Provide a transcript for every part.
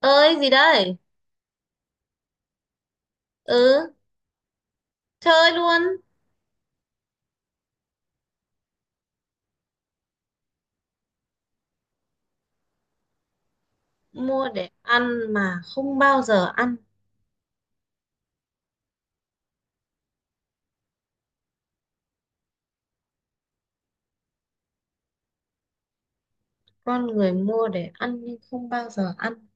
Ơi gì đây? Ừ, chơi luôn. Mua để ăn mà không bao giờ ăn? Con người mua để ăn nhưng không bao giờ ăn.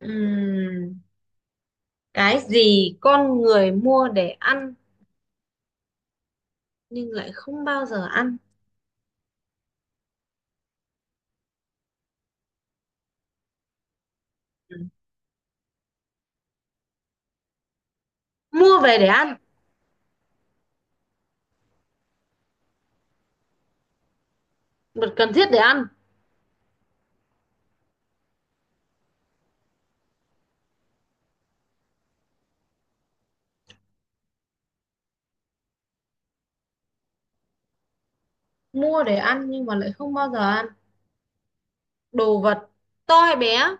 Ừm, cái gì con người mua để ăn nhưng lại không bao giờ ăn? Ừm, Mua về để ăn? Vật cần thiết để ăn? Mua để ăn nhưng mà lại không bao giờ ăn. Đồ vật? To hay bé?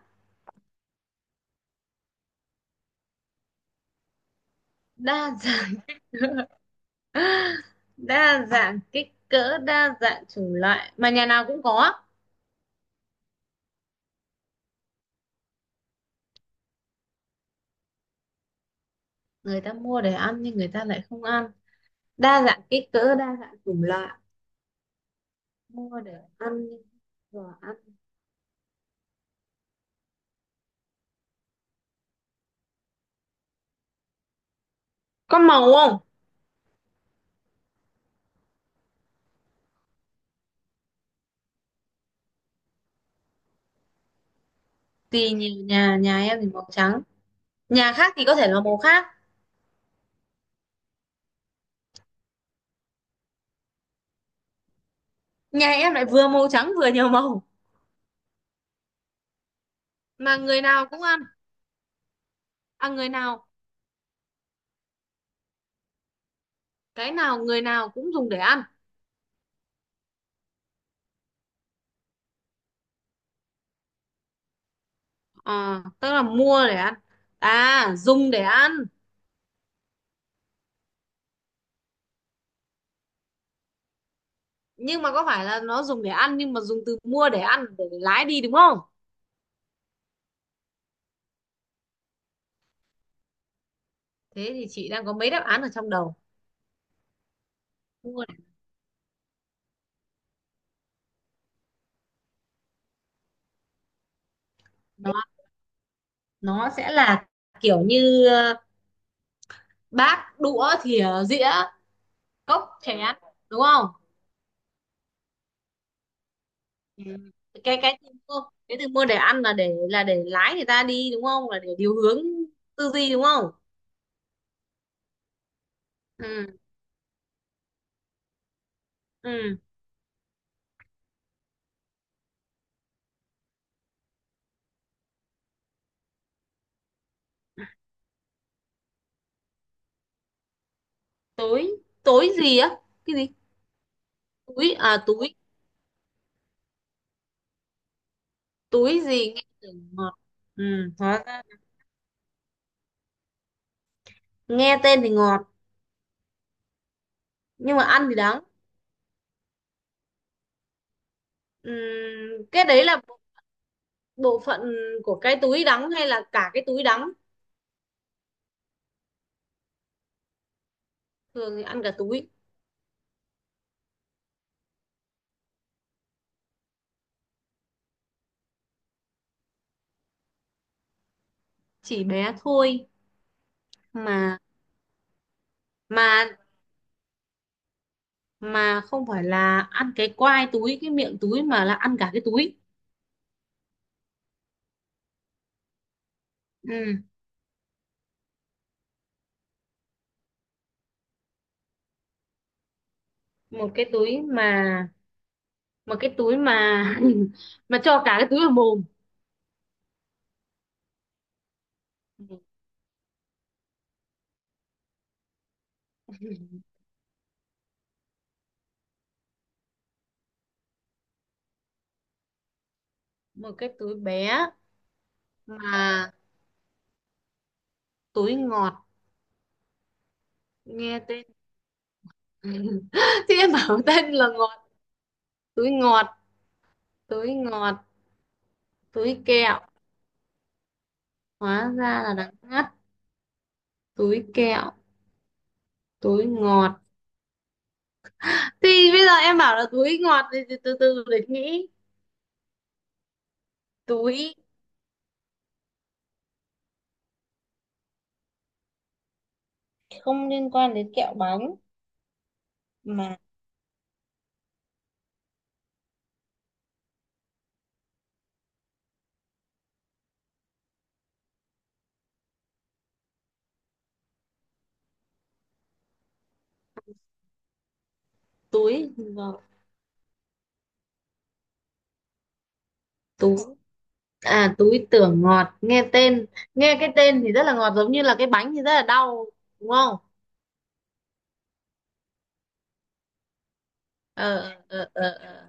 Đa dạng. Đa dạng kích cỡ, đa dạng chủng loại mà nhà nào cũng có. Người ta mua để ăn nhưng người ta lại không ăn. Đa dạng kích cỡ, đa dạng chủng loại. Mua để ăn và ăn. Có màu không? Thì nhiều nhà, nhà em thì màu trắng. Nhà khác thì có thể là màu khác. Nhà em lại vừa màu trắng vừa nhiều màu. Mà người nào cũng ăn? À, người nào, cái nào, người nào cũng dùng để ăn? À, tức là mua để ăn, à dùng để ăn. Nhưng mà có phải là nó dùng để ăn nhưng mà dùng từ mua để ăn để lái đi, đúng không? Thế thì chị đang có mấy đáp án ở trong đầu. Mua để nó nó sẽ là kiểu như bát đũa thìa dĩa, cốc chén, đúng không? Ừ. Cái từ mua, cái từ mua để ăn là để, là để lái người ta đi, đúng không, là để điều hướng tư duy, đúng không? Ừ. Ừ. túi Túi gì á? Cái gì? Túi à, túi. Túi gì nghe tưởng ngọt? Ừ, hóa ra nghe tên thì ngọt nhưng mà ăn thì đắng. Ừ, cái đấy là bộ phận của cái túi đắng hay là cả cái túi đắng? Thường thì ăn cả túi. Chỉ bé thôi. mà mà mà không phải là ăn cái quai túi, cái miệng túi mà là ăn cả cái túi. Ừ. một cái túi mà Một cái túi mà mà cho cả cái túi vào mồm. Một cái túi bé mà. Túi ngọt, nghe tên. Chứ em bảo tên là ngọt. Túi ngọt. Túi ngọt, túi kẹo. Hóa ra là đắng ngắt. Túi kẹo. Túi ngọt thì bây giờ em bảo là túi ngọt thì từ từ từ để nghĩ. Túi không liên quan đến kẹo bánh. Mà túi ngọt. tú À túi tưởng ngọt, nghe tên, nghe cái tên thì rất là ngọt, giống như là cái bánh thì rất là đau, đúng không? ờ ờ ờ ờ. ờ.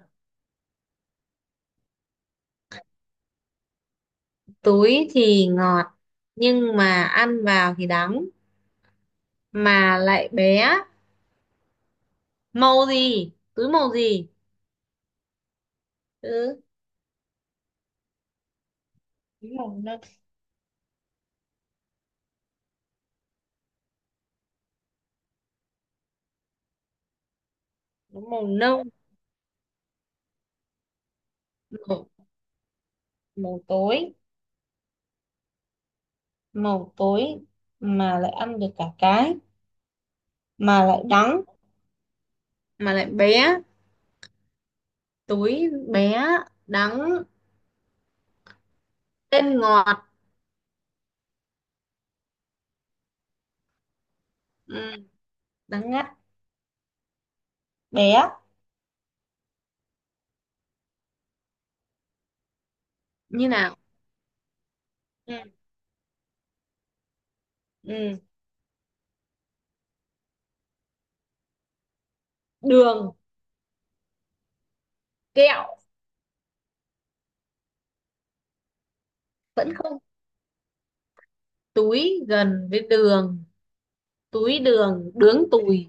Túi thì ngọt nhưng mà ăn vào thì đắng, mà lại bé. Màu gì? Túi màu gì? Ừ. Túi màu nâu. Túi màu nâu, màu, màu tối. Màu tối mà lại ăn được cả cái, mà lại đắng, mà lại bé. Túi bé, đắng, tên ngọt. Ừ, đắng ngắt. Bé. Như nào? Ừ. Ừ. Đường, kẹo. Vẫn không. Túi gần với đường. Túi đường, đướng tùi.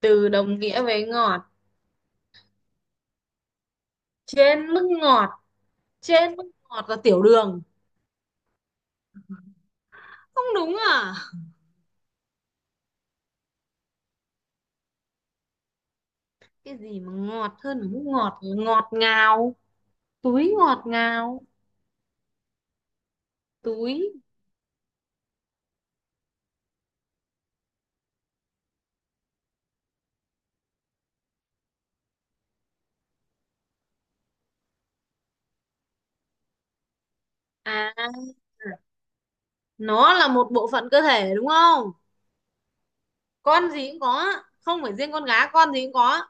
Từ đồng nghĩa với ngọt. Trên mức ngọt. Trên mức ngọt là tiểu đường. Không đúng à? Cái gì mà ngọt hơn mức ngọt là ngọt ngào. Túi ngọt ngào. Túi. À, nó là một bộ phận cơ thể, đúng không? Con gì cũng có. Không phải riêng con gái, con gì cũng có.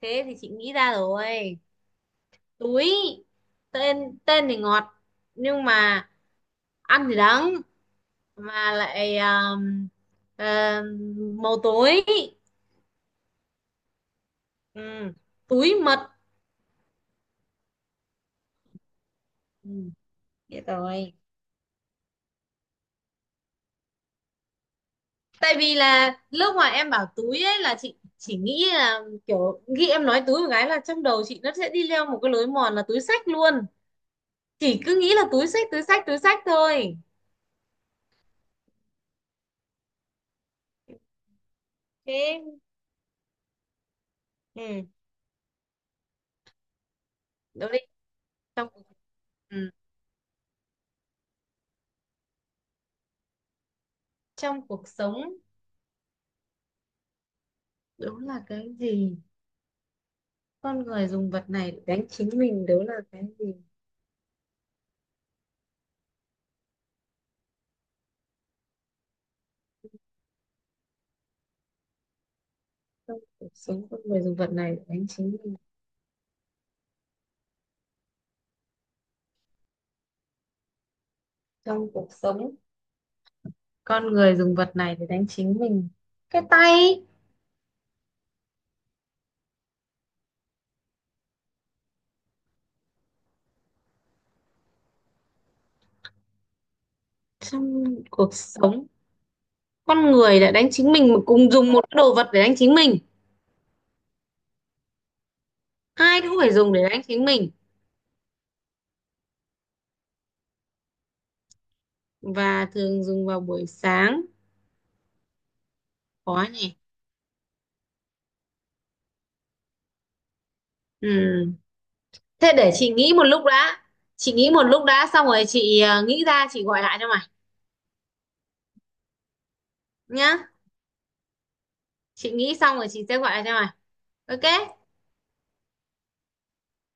Thế thì chị nghĩ ra rồi. Túi, tên tên thì ngọt nhưng mà ăn thì đắng, mà lại màu tối. Ừ. Túi mật. Ừ, biết rồi. Tại vì là lúc mà em bảo túi ấy là chị chỉ nghĩ là kiểu, khi em nói túi một cái là trong đầu chị nó sẽ đi leo một cái lối mòn là túi xách luôn. Chỉ cứ nghĩ là túi xách thôi. Thế. Ừ, đúng đi. trong cuộc- ừ. Trong cuộc sống đúng là cái gì? Con người dùng vật này để đánh chính mình, đó là cái gì? Trong cuộc sống con người dùng vật này để đánh chính mình. Trong cuộc sống con người dùng vật này để đánh chính mình. Cái tay? Trong cuộc sống con người đã đánh chính mình, mà cùng dùng một đồ vật để đánh chính mình. Hai thứ phải dùng để đánh chính mình, và thường dùng vào buổi sáng. Khó nhỉ. Ừ. Thế để chị nghĩ một lúc đã. Chị nghĩ một lúc đã, xong rồi chị nghĩ ra chị gọi lại cho mày nhá. Chị nghĩ xong rồi chị sẽ gọi lại cho mày. Ok.